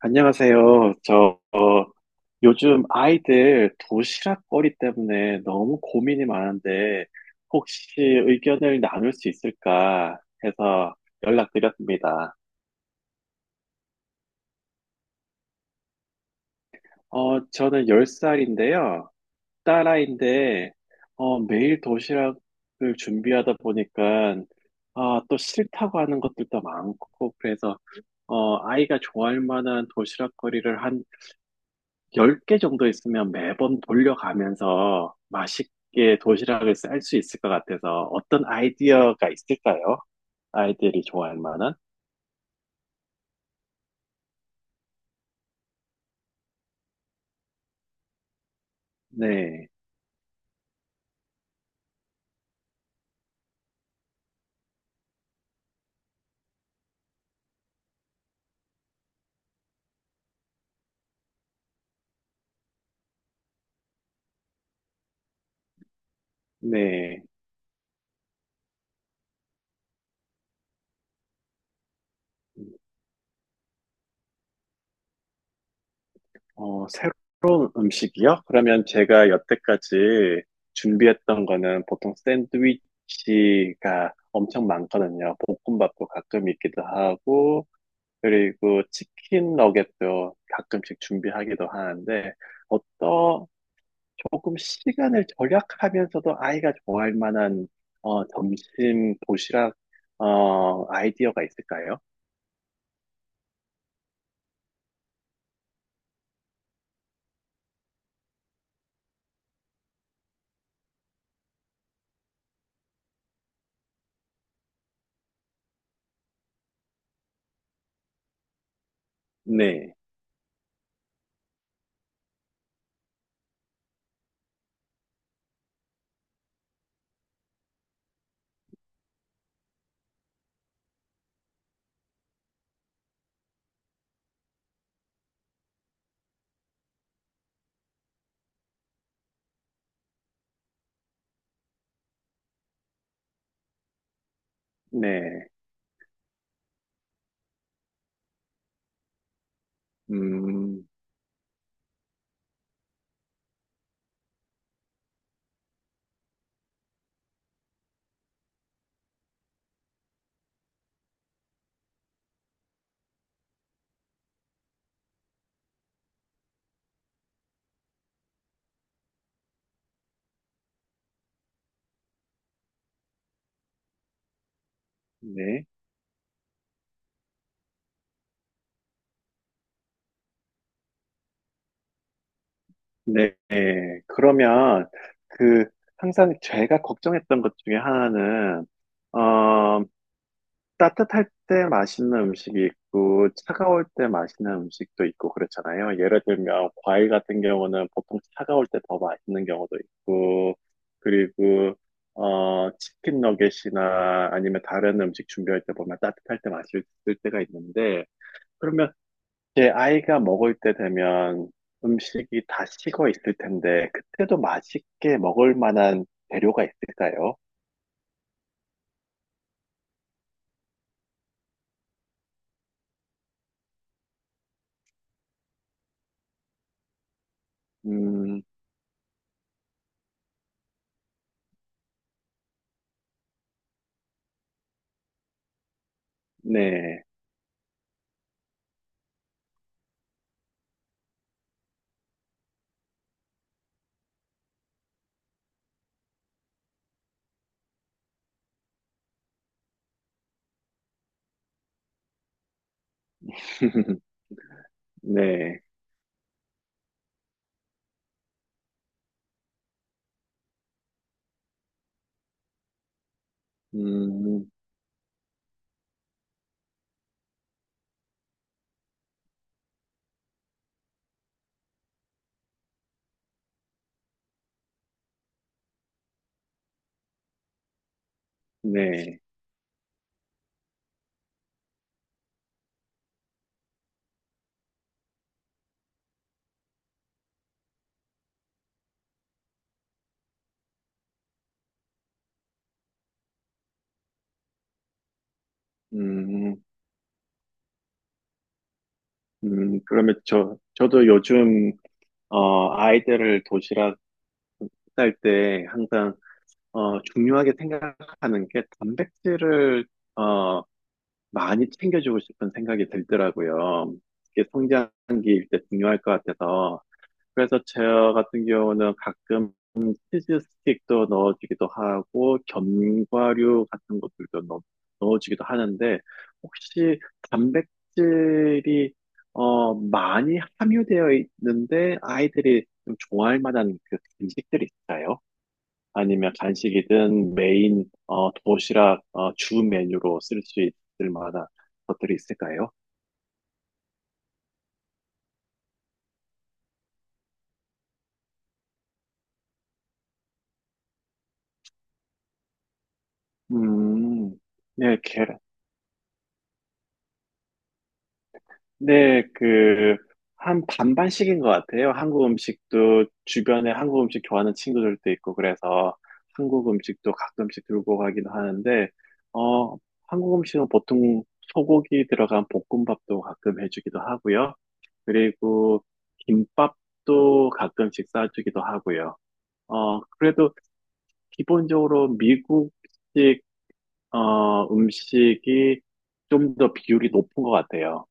안녕하세요. 저 요즘 아이들 도시락거리 때문에 너무 고민이 많은데 혹시 의견을 나눌 수 있을까 해서 연락드렸습니다. 저는 10살인데요. 딸아이인데 매일 도시락을 준비하다 보니까 아, 또 싫다고 하는 것들도 많고 그래서 아이가 좋아할 만한 도시락거리를 10개 정도 있으면 매번 돌려가면서 맛있게 도시락을 쌀 수 있을 것 같아서 어떤 아이디어가 있을까요? 아이들이 좋아할 만한? 네, 네. 새로운 음식이요? 그러면 제가 여태까지 준비했던 거는 보통 샌드위치가 엄청 많거든요. 볶음밥도 가끔 있기도 하고, 그리고 치킨 너겟도 가끔씩 준비하기도 하는데, 어떤 조금 시간을 절약하면서도 아이가 좋아할 만한 점심 도시락 아이디어가 있을까요? 네, 네, 음, 네, 네. 네. 그러면 그 항상 제가 걱정했던 것 중에 하나는 어, 따뜻할 때 맛있는 음식이 있고, 차가울 때 맛있는 음식도 있고, 그렇잖아요. 예를 들면, 과일 같은 경우는 보통 차가울 때 더 맛있는 경우도 있고, 그리고, 치킨 너겟이나 아니면 다른 음식 준비할 때 보면 따뜻할 때 맛있을 때가 있는데, 그러면 제 아이가 먹을 때 되면 음식이 다 식어 있을 텐데, 그때도 맛있게 먹을 만한 재료가 있을까요? 음, 네. 네. 음, 네. 음, 그러면 저도 요즘, 아이들을 도시락 쌀 때 항상, 중요하게 생각하는 게 단백질을, 어, 많이 챙겨주고 싶은 생각이 들더라고요. 이게 성장기일 때 중요할 것 같아서. 그래서 저 같은 경우는 가끔 치즈 스틱도 넣어주기도 하고 견과류 같은 것들도 넣어주기도 하는데 혹시 단백질이 많이 함유되어 있는데 아이들이 좀 좋아할 만한 그 간식들이 있어요? 아니면 간식이든 메인 도시락 주 메뉴로 쓸 수 있을 만한 것들이 있을까요? 음, 네, 네, 그, 한 반반씩인 것 같아요. 한국 음식도 주변에 한국 음식 좋아하는 친구들도 있고, 그래서 한국 음식도 가끔씩 들고 가기도 하는데, 어, 한국 음식은 보통 소고기 들어간 볶음밥도 가끔 해주기도 하고요. 그리고 김밥도 가끔씩 싸주기도 하고요. 그래도 기본적으로 미국식, 음식이 좀 더 비율이 높은 것 같아요.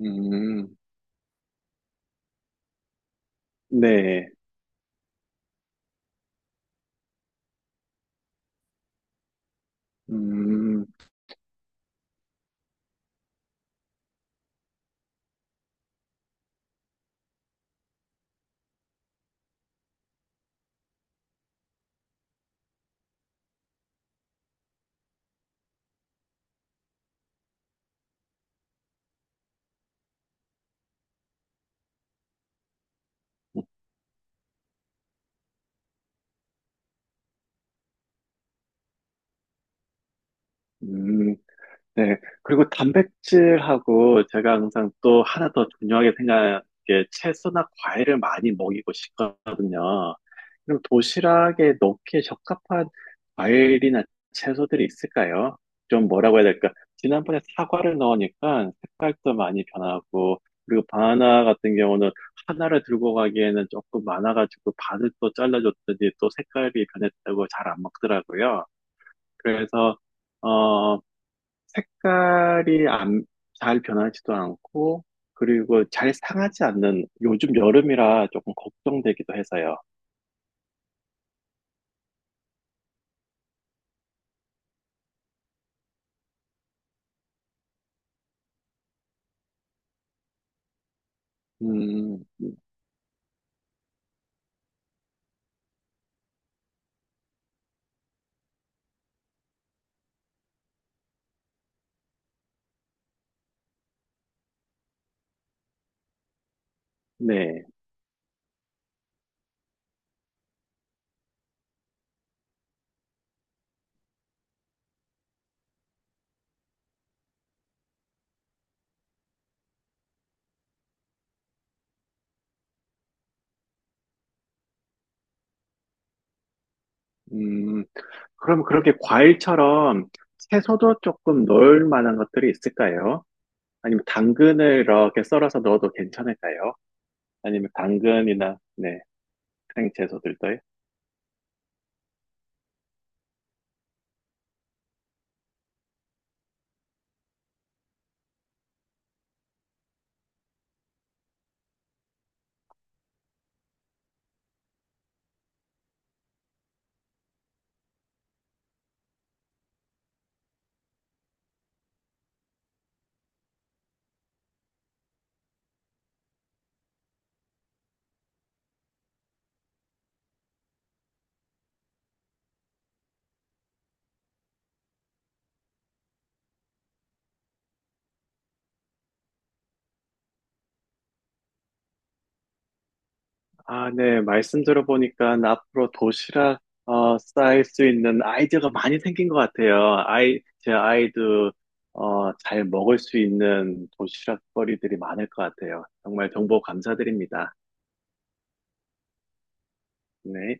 음, 네. 음, 음, 네. 그리고 단백질하고 제가 항상 또 하나 더 중요하게 생각하는 게 채소나 과일을 많이 먹이고 싶거든요. 그럼 도시락에 넣기에 적합한 과일이나 채소들이 있을까요? 좀 뭐라고 해야 될까? 지난번에 사과를 넣으니까 색깔도 많이 변하고, 그리고 바나나 같은 경우는 하나를 들고 가기에는 조금 많아가지고 반을 또 잘라줬더니 또 색깔이 변했다고 잘 안 먹더라고요. 그래서 어 색깔이 안, 잘 변하지도 않고 그리고 잘 상하지 않는 요즘 여름이라 조금 걱정되기도 해서요. 음, 네. 음, 그럼 그렇게 과일처럼 채소도 조금 넣을 만한 것들이 있을까요? 아니면 당근을 이렇게 썰어서 넣어도 괜찮을까요? 아니면 당근이나 네, 생 채소들도 아, 네. 말씀 들어보니까 앞으로 도시락 쌓일 수 있는 아이디어가 많이 생긴 것 같아요. 아이, 제 아이도 잘 먹을 수 있는 도시락거리들이 많을 것 같아요. 정말 정보 감사드립니다. 네.